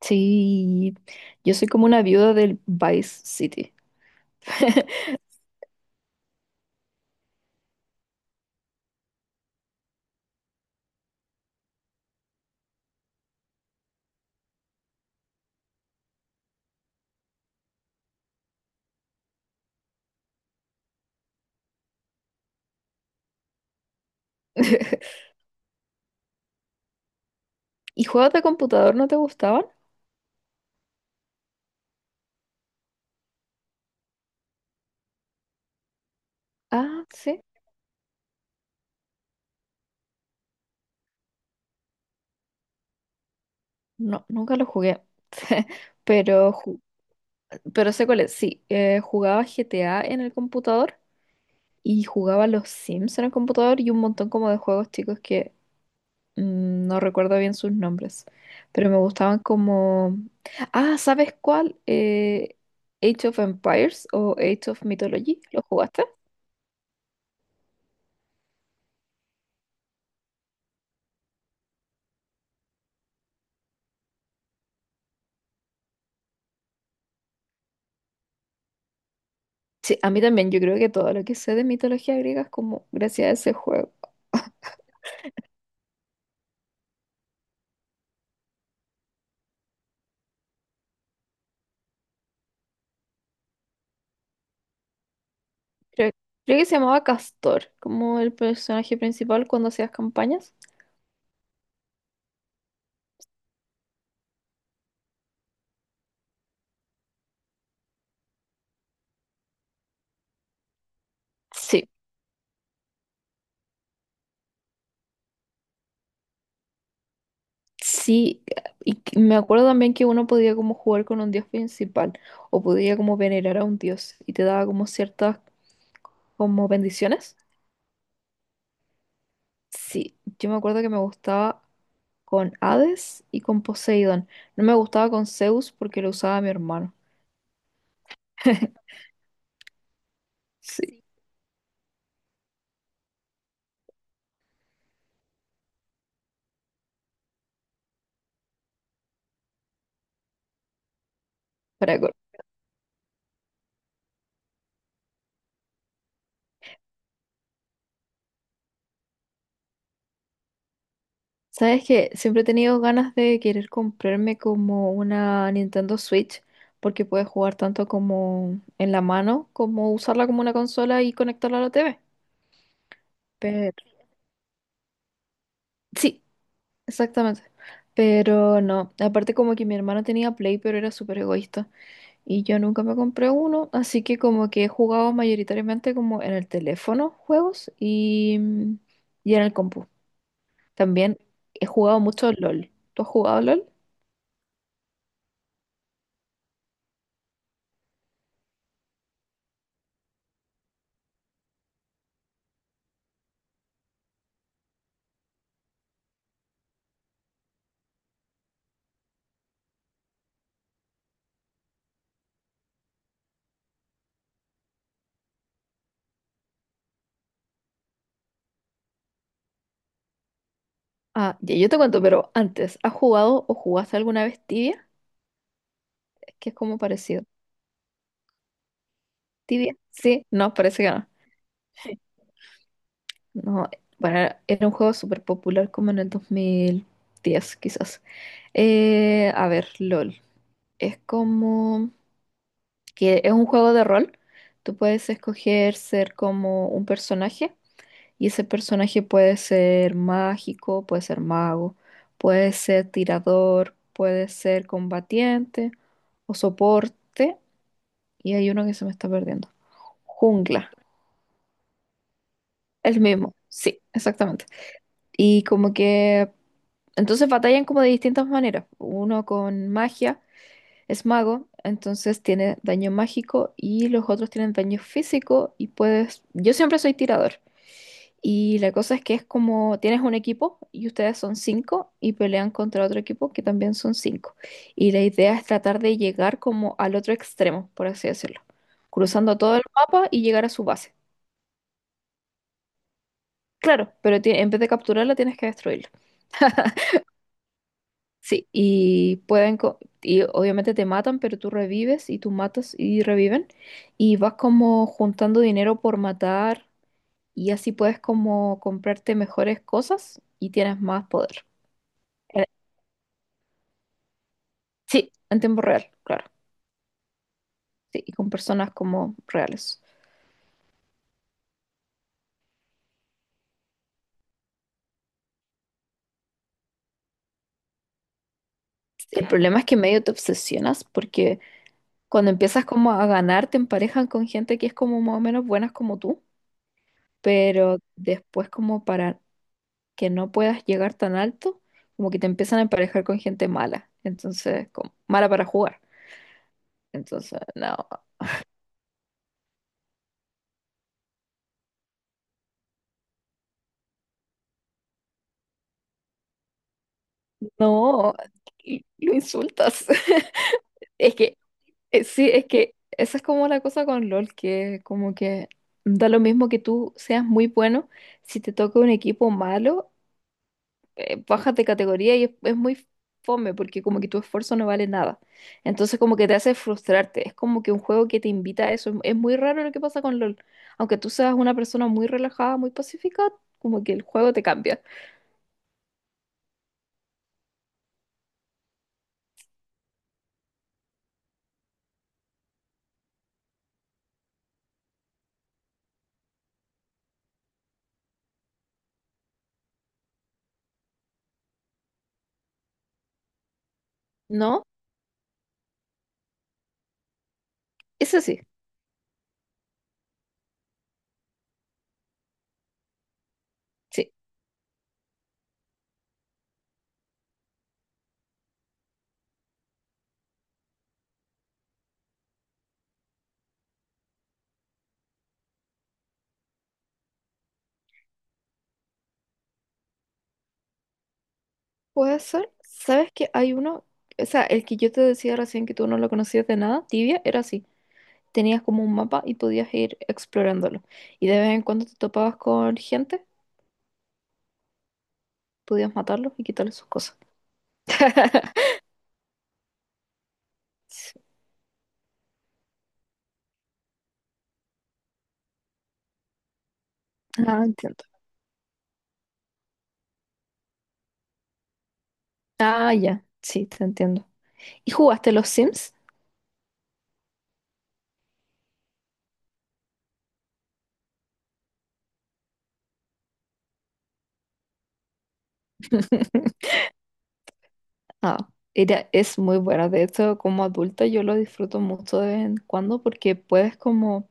Sí, yo soy como una viuda del Vice City. ¿Y juegos de computador no te gustaban? Ah, sí. No, nunca los jugué. Pero, pero sé cuál es. Sí, jugaba GTA en el computador y jugaba los Sims en el computador y un montón como de juegos chicos que no recuerdo bien sus nombres. Pero me gustaban como... Ah, ¿sabes cuál? Age of Empires o Age of Mythology. ¿Lo jugaste? Sí, a mí también, yo creo que todo lo que sé de mitología griega es como gracias a ese juego. Creo, creo que se llamaba Castor, como el personaje principal cuando hacías campañas. Sí, sí, y me acuerdo también que uno podía como jugar con un dios principal o podía como venerar a un dios y te daba como ciertas como bendiciones. Sí, yo me acuerdo que me gustaba con Hades y con Poseidón. No me gustaba con Zeus porque lo usaba mi hermano. Sí, para Sabes que siempre he tenido ganas de querer comprarme como una Nintendo Switch porque puedes jugar tanto como en la mano como usarla como una consola y conectarla a la TV. Pero sí, exactamente. Pero no, aparte como que mi hermano tenía Play pero era súper egoísta y yo nunca me compré uno, así que como que he jugado mayoritariamente como en el teléfono juegos y en el compu. También he jugado mucho LOL. ¿Tú has jugado LOL? Ah, ya, yo te cuento, pero antes, ¿has jugado o jugaste alguna vez Tibia? Es que es como parecido. ¿Tibia? Sí, no, parece que no. No, bueno, era un juego súper popular como en el dos mil diez, quizás. A ver, LOL. Es como que es un juego de rol. Tú puedes escoger ser como un personaje y ese personaje puede ser mágico, puede ser mago, puede ser tirador, puede ser combatiente o soporte. Y hay uno que se me está perdiendo. Jungla. El mismo. Sí, exactamente. Y como que. Entonces batallan como de distintas maneras. Uno con magia, es mago, entonces tiene daño mágico y los otros tienen daño físico y puedes. Yo siempre soy tirador. Y la cosa es que es como tienes un equipo y ustedes son cinco y pelean contra otro equipo que también son cinco. Y la idea es tratar de llegar como al otro extremo, por así decirlo, cruzando todo el mapa y llegar a su base. Claro, pero en vez de capturarla tienes que destruirla. Sí, y obviamente te matan, pero tú revives y tú matas y reviven y vas como juntando dinero por matar y así puedes como comprarte mejores cosas y tienes más poder. Eh, Sí, en tiempo real, claro. Sí, y con personas como reales. El problema es que medio te obsesionas porque cuando empiezas como a ganar te emparejan con gente que es como más o menos buenas como tú, pero después como para que no puedas llegar tan alto, como que te empiezan a emparejar con gente mala, entonces, como, mala para jugar. Entonces, no, no, y lo insultas. Es que, sí, es que esa es como la cosa con LOL, que como que da lo mismo que tú seas muy bueno, si te toca un equipo malo, bajas de categoría y es muy fome porque como que tu esfuerzo no vale nada. Entonces como que te hace frustrarte. Es como que un juego que te invita a eso. Es muy raro lo que pasa con LOL. Aunque tú seas una persona muy relajada, muy pacífica, como que el juego te cambia. ¿No? Eso sí, sí. Puede ser. ¿Sabes que hay uno? O sea, el que yo te decía recién que tú no lo conocías de nada, Tibia, era así. Tenías como un mapa y podías ir explorándolo. Y de vez en cuando te topabas con gente, podías matarlos y quitarles sus cosas. Ah, entiendo. Ah, ya, sí, te entiendo. ¿Y jugaste los Sims? Ah, es muy buena. De hecho, como adulta yo lo disfruto mucho de vez en cuando porque puedes como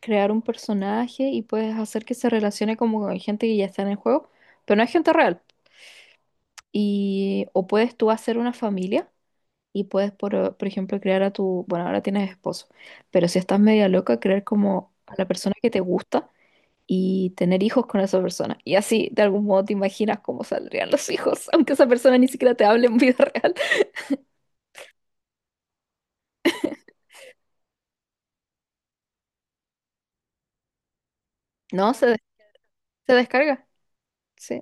crear un personaje y puedes hacer que se relacione como con gente que ya está en el juego, pero no es gente real. Y, o puedes tú hacer una familia y puedes, por ejemplo, crear a tu, bueno, ahora tienes esposo, pero si estás media loca, crear como a la persona que te gusta y tener hijos con esa persona. Y así, de algún modo, te imaginas cómo saldrían los hijos, aunque esa persona ni siquiera te hable en vida real. No, se, des- Se descarga, sí.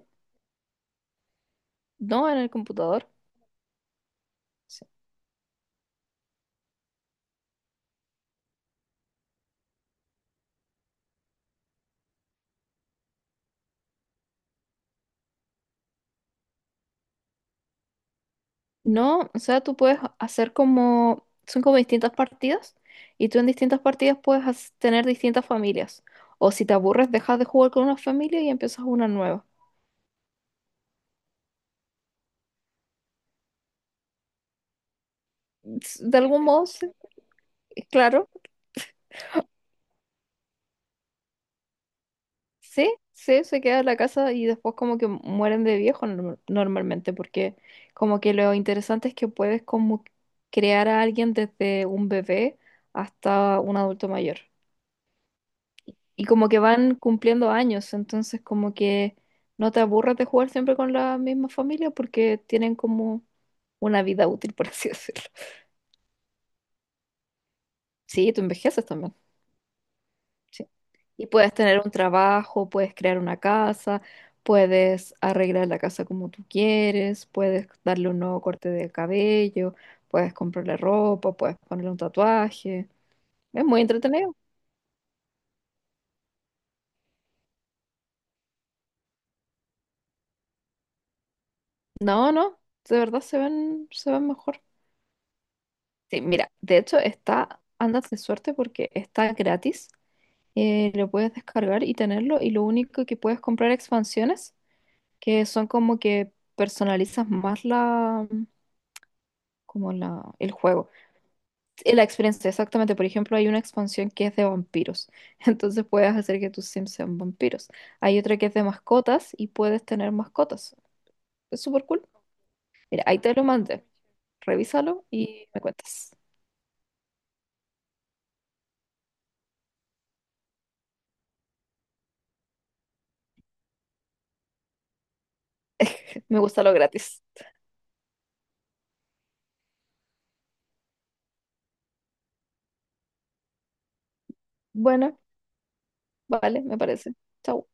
No, en el computador. Sí. No, o sea, tú puedes hacer como, son como distintas partidas, y tú en distintas partidas tener distintas familias. O si te aburres, dejas de jugar con una familia y empiezas una nueva. De algún modo, sí, claro. Sí, sí, se queda en la casa y después como que mueren de viejo normalmente, porque como que lo interesante es que puedes como crear a alguien desde un bebé hasta un adulto mayor. Y como que van cumpliendo años, entonces como que no te aburras de jugar siempre con la misma familia porque tienen como una vida útil, por así decirlo. Sí, tú envejeces también. Sí. Y puedes tener un trabajo, puedes crear una casa, puedes arreglar la casa como tú quieres, puedes darle un nuevo corte de cabello, puedes comprarle ropa, puedes ponerle un tatuaje. Es muy entretenido. No, no, de verdad se ven mejor. Sí, mira, de hecho está, andas de suerte porque está gratis. Lo puedes descargar y tenerlo y lo único que puedes comprar expansiones que son como que personalizas más como el juego. La experiencia, exactamente. Por ejemplo, hay una expansión que es de vampiros. Entonces puedes hacer que tus Sims sean vampiros. Hay otra que es de mascotas y puedes tener mascotas. Es súper cool. Mira, ahí te lo mandé. Revísalo y me cuentas. Me gusta lo gratis. Bueno, vale, me parece. Chau.